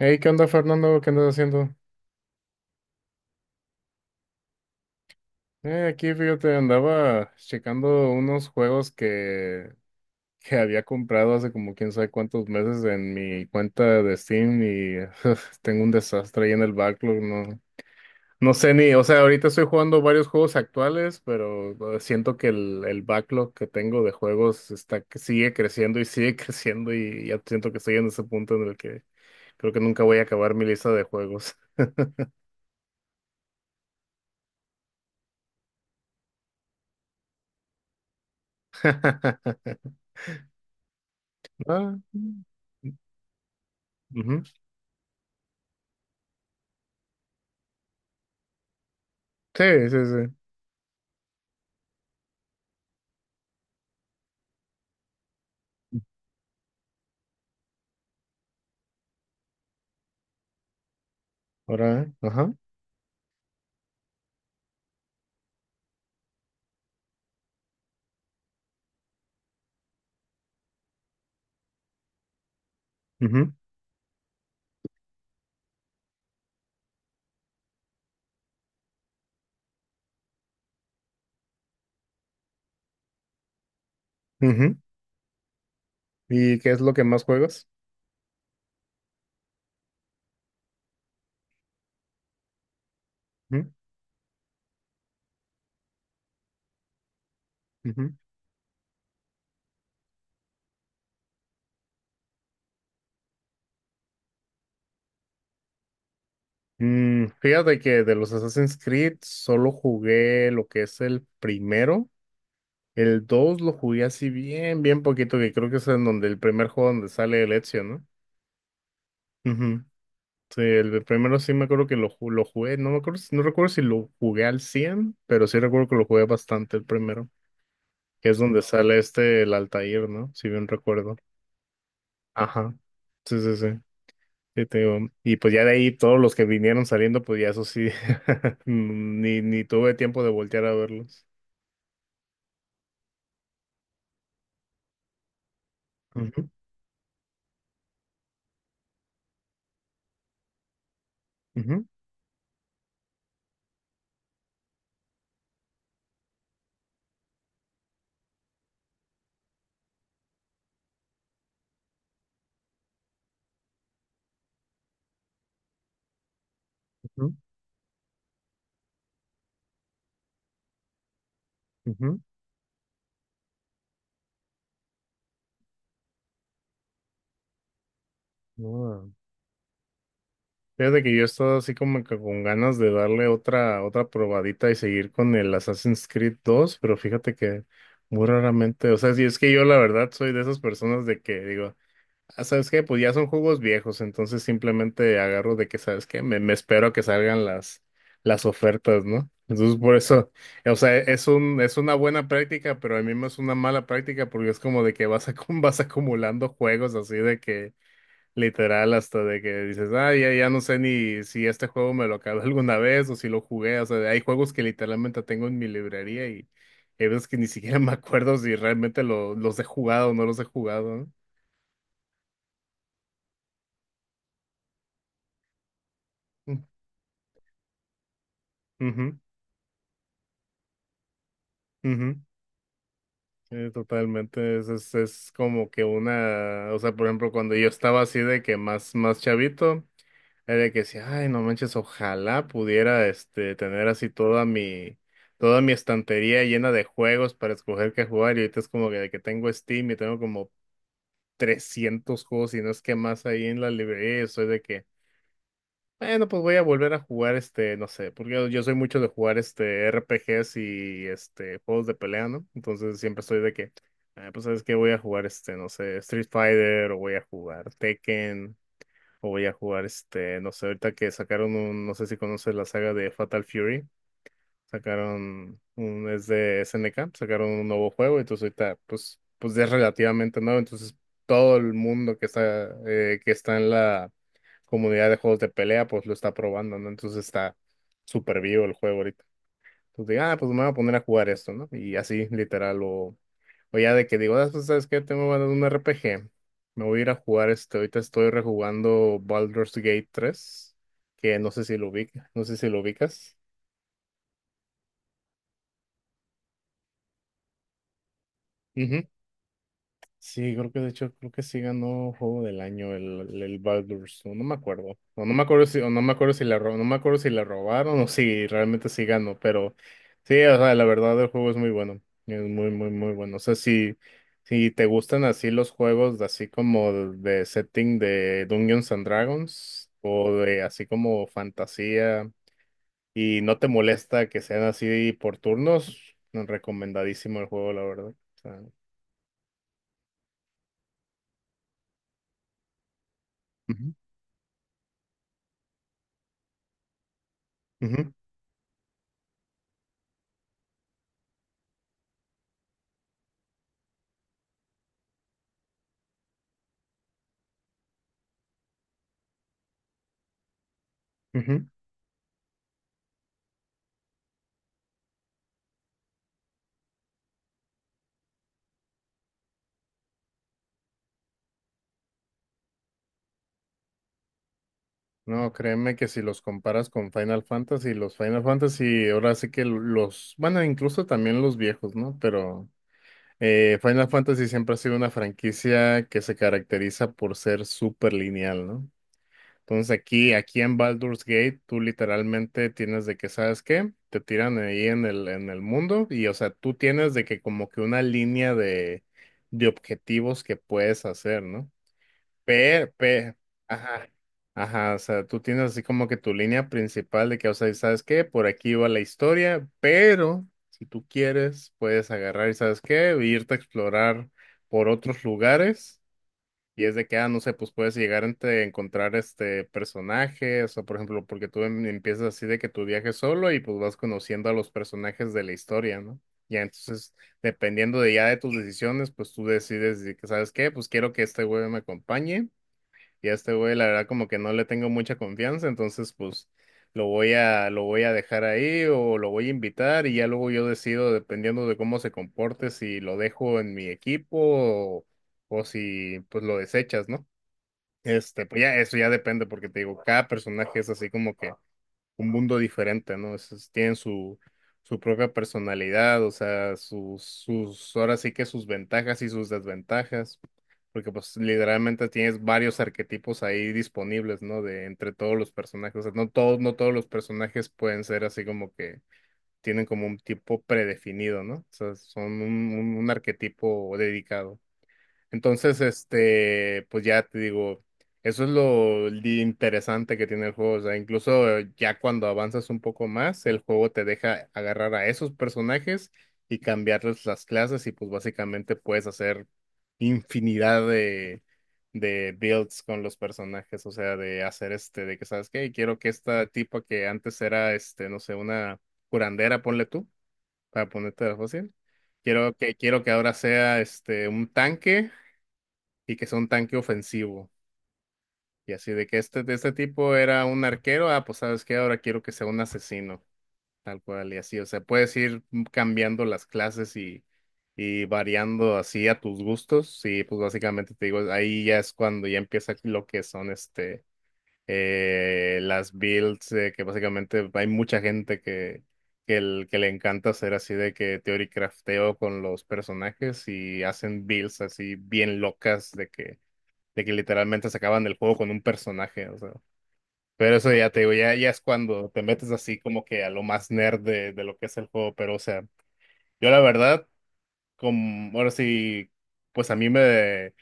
Hey, ¿qué onda, Fernando? ¿Qué andas haciendo? Aquí, fíjate, andaba checando unos juegos que había comprado hace como quién sabe cuántos meses en mi cuenta de Steam y tengo un desastre ahí en el backlog. No, no sé ni, o sea, ahorita estoy jugando varios juegos actuales, pero siento que el backlog que tengo de juegos está, que sigue creciendo y sigue creciendo, y ya siento que estoy en ese punto en el que creo que nunca voy a acabar mi lista de juegos. Ah. Ujú. Sí, sí, sí. Ahora, ajá. Ujú, ujú. ¿Y qué es lo que más juegas? Ujú, ujú. Mm, fíjate que de los Assassin's Creed solo jugué lo que es el primero. El 2 lo jugué así bien, bien poquito, que creo que es en donde el primer juego donde sale el Ezio, ¿no? Ujú. Sí, el de primero sí me acuerdo que lo jugué, no me acuerdo, no recuerdo si lo jugué al cien, pero sí recuerdo que lo jugué bastante el primero, que es donde sale este, el Altair, ¿no? Si bien recuerdo. Ajá. Sí, sí, sí. Sí, te digo, y pues ya de ahí todos los que vinieron saliendo, pues ya eso sí, ni tuve tiempo de voltear a verlos. Ujú, ujú, ujú, ujú. No, fíjate que yo he estado así como que con ganas de darle otra probadita y seguir con el Assassin's Creed dos, pero fíjate que muy raramente, o sea, si es que yo la verdad soy de esas personas de que digo, ah, ¿sabes qué? Pues ya son juegos viejos, entonces simplemente agarro de que, ¿sabes qué? Me espero a que salgan las ofertas, ¿no? Entonces por eso, o sea, es un, es una buena práctica, pero al mismo es una mala práctica porque es como de que vas acumulando juegos así de que literal hasta de que dices, ah, ya no sé ni si este juego me lo acabé alguna vez o si lo jugué, o sea, hay juegos que literalmente tengo en mi librería y hay veces que ni siquiera me acuerdo si realmente los he jugado o no los he jugado, ¿no? Ujú. Ujú, totalmente, es como que una, o sea, por ejemplo, cuando yo estaba así de que más, más chavito, era de que decía, ay, no manches, ojalá pudiera, este, tener así toda mi estantería llena de juegos para escoger qué jugar, y ahorita es como que de que tengo Steam y tengo como 300 juegos y no es que más ahí en la librería, y soy de que, bueno, pues voy a volver a jugar este, no sé, porque yo soy mucho de jugar este RPGs y este juegos de pelea, ¿no? Entonces siempre estoy de que, ah, pues sabes que voy a jugar este, no sé, Street Fighter, o voy a jugar Tekken, o voy a jugar este, no sé, ahorita que sacaron un, no sé si conoces la saga de Fatal Fury, sacaron un, es de SNK, sacaron un nuevo juego, entonces ahorita, pues ya es relativamente nuevo, entonces todo el mundo que está en la comunidad de juegos de pelea, pues lo está probando, ¿no? Entonces está súper vivo el juego ahorita. Entonces digo, ah, pues me voy a poner a jugar esto, ¿no? Y así, literal, o ya de que digo, ah, pues, ¿sabes qué? Tengo ganas de un RPG, me voy a ir a jugar este, ahorita estoy rejugando Baldur's Gate tres, que no sé si lo ubica, no sé si lo ubicas. Ujú. Sí, creo que de hecho, creo que sí ganó juego del año el Baldur's, no, no me acuerdo. No, no me acuerdo si, o no me acuerdo no me acuerdo si la robaron o si realmente sí ganó, pero sí, o sea, la verdad el juego es muy bueno. Es muy, muy, muy bueno. O sea, si, si te gustan así los juegos de así como de setting de Dungeons and Dragons, o de así como fantasía, y no te molesta que sean así por turnos, recomendadísimo el juego, la verdad. O sea, ujú, ujú, ujú. No, créeme que si los comparas con Final Fantasy, los Final Fantasy, ahora sí que los, bueno, incluso también los viejos, ¿no? Pero Final Fantasy siempre ha sido una franquicia que se caracteriza por ser súper lineal, ¿no? Entonces aquí en Baldur's Gate, tú literalmente tienes de que, ¿sabes qué? Te tiran ahí en en el mundo y, o sea, tú tienes de que como que una línea de objetivos que puedes hacer, ¿no? Pero, pero, ajá, ajá, o sea, tú tienes así como que tu línea principal de que, o sea, ¿sabes qué? Por aquí va la historia, pero si tú quieres, puedes agarrar y, ¿sabes qué? Irte a explorar por otros lugares. Y es de que, ah, no sé, pues puedes llegar a encontrar este personajes, o por ejemplo, porque empiezas así de que tu viaje solo y pues vas conociendo a los personajes de la historia, ¿no? Ya entonces, dependiendo de ya de tus decisiones, pues tú decides de que, ¿sabes qué? Pues quiero que este güey me acompañe, y a este güey, la verdad, como que no le tengo mucha confianza, entonces pues lo voy a dejar ahí, o lo voy a invitar, y ya luego yo decido, dependiendo de cómo se comporte, si lo dejo en mi equipo o si pues lo desechas, ¿no? Este, pues ya, eso ya depende, porque te digo, cada personaje es así como que un mundo diferente, ¿no? Tienen su propia personalidad, o sea, sus, sus, ahora sí que sus ventajas y sus desventajas, porque pues literalmente tienes varios arquetipos ahí disponibles, ¿no? De entre todos los personajes, o sea, no todos, no todos los personajes pueden ser así como que tienen como un tipo predefinido, ¿no? O sea, son un arquetipo dedicado. Entonces, este, pues ya te digo, eso es lo interesante que tiene el juego. O sea, incluso ya cuando avanzas un poco más, el juego te deja agarrar a esos personajes y cambiarles las clases, y pues básicamente puedes hacer infinidad de builds con los personajes. O sea, de hacer este, de que, ¿sabes qué? Quiero que esta tipa que antes era, este, no sé, una curandera, ponle tú, para ponerte fácil. Quiero que ahora sea este un tanque y que sea un tanque ofensivo. Y así de que este, de este tipo era un arquero, ah, pues sabes qué, ahora quiero que sea un asesino, tal cual, y así, o sea, puedes ir cambiando las clases y variando así a tus gustos, y pues básicamente te digo, ahí ya es cuando ya empieza lo que son este, las builds, que básicamente hay mucha gente que... Que, el, que le encanta hacer así de que teoricrafteo con los personajes y hacen builds así bien locas de que literalmente se acaban el juego con un personaje, o sea. Pero eso ya te digo, ya es cuando te metes así como que a lo más nerd de lo que es el juego, pero o sea, yo la verdad, como, ahora sí, pues a mí me,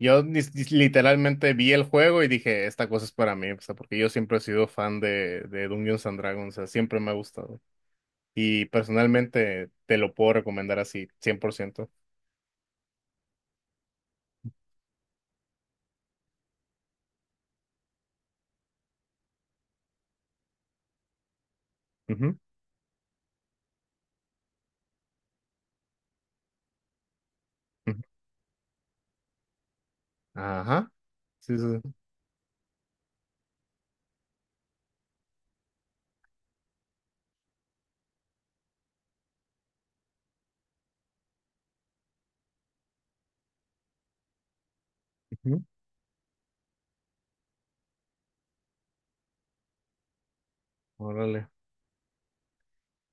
yo literalmente vi el juego y dije, esta cosa es para mí, o sea, porque yo siempre he sido fan de Dungeons and Dragons, o sea, siempre me ha gustado. Y personalmente te lo puedo recomendar así, 100%. Ujú, ujú. Ajá. Sí, sí. Sí. Ujú. Órale.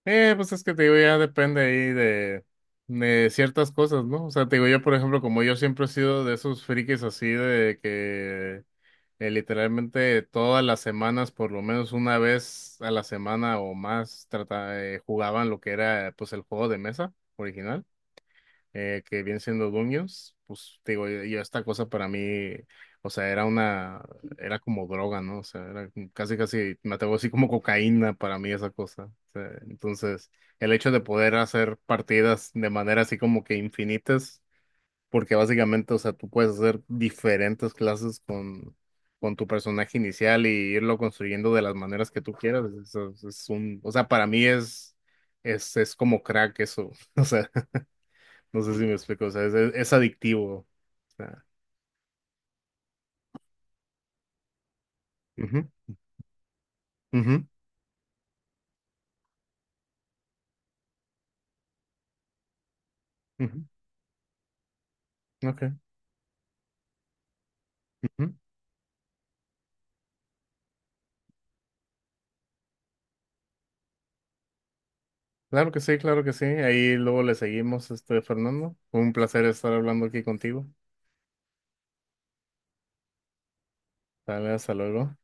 Pues es que te digo, ya depende ahí de ciertas cosas, ¿no? O sea, te digo, yo, por ejemplo, como yo siempre he sido de esos frikis así de que literalmente todas las semanas, por lo menos una vez a la semana o más, trata, jugaban lo que era pues el juego de mesa original, que vienen siendo Dungeons, pues te digo, yo esta cosa para mí, o sea, era una, era como droga, ¿no? O sea, era como- casi, casi, me atrevo así como cocaína para mí esa cosa. O sea, entonces, el hecho de poder hacer partidas de manera así como que infinitas, porque básicamente, o sea, tú puedes hacer diferentes clases con tu personaje inicial y irlo construyendo de las maneras que tú quieras. Es un, o sea, para mí es como crack eso. O sea, no sé si me explico, o sea, es adictivo. O sea, ujú, ujú, ujú, ok, ujú. Claro que sí, claro que sí. Ahí luego le seguimos, este, Fernando. Fue un placer estar hablando aquí contigo. Dale, hasta luego.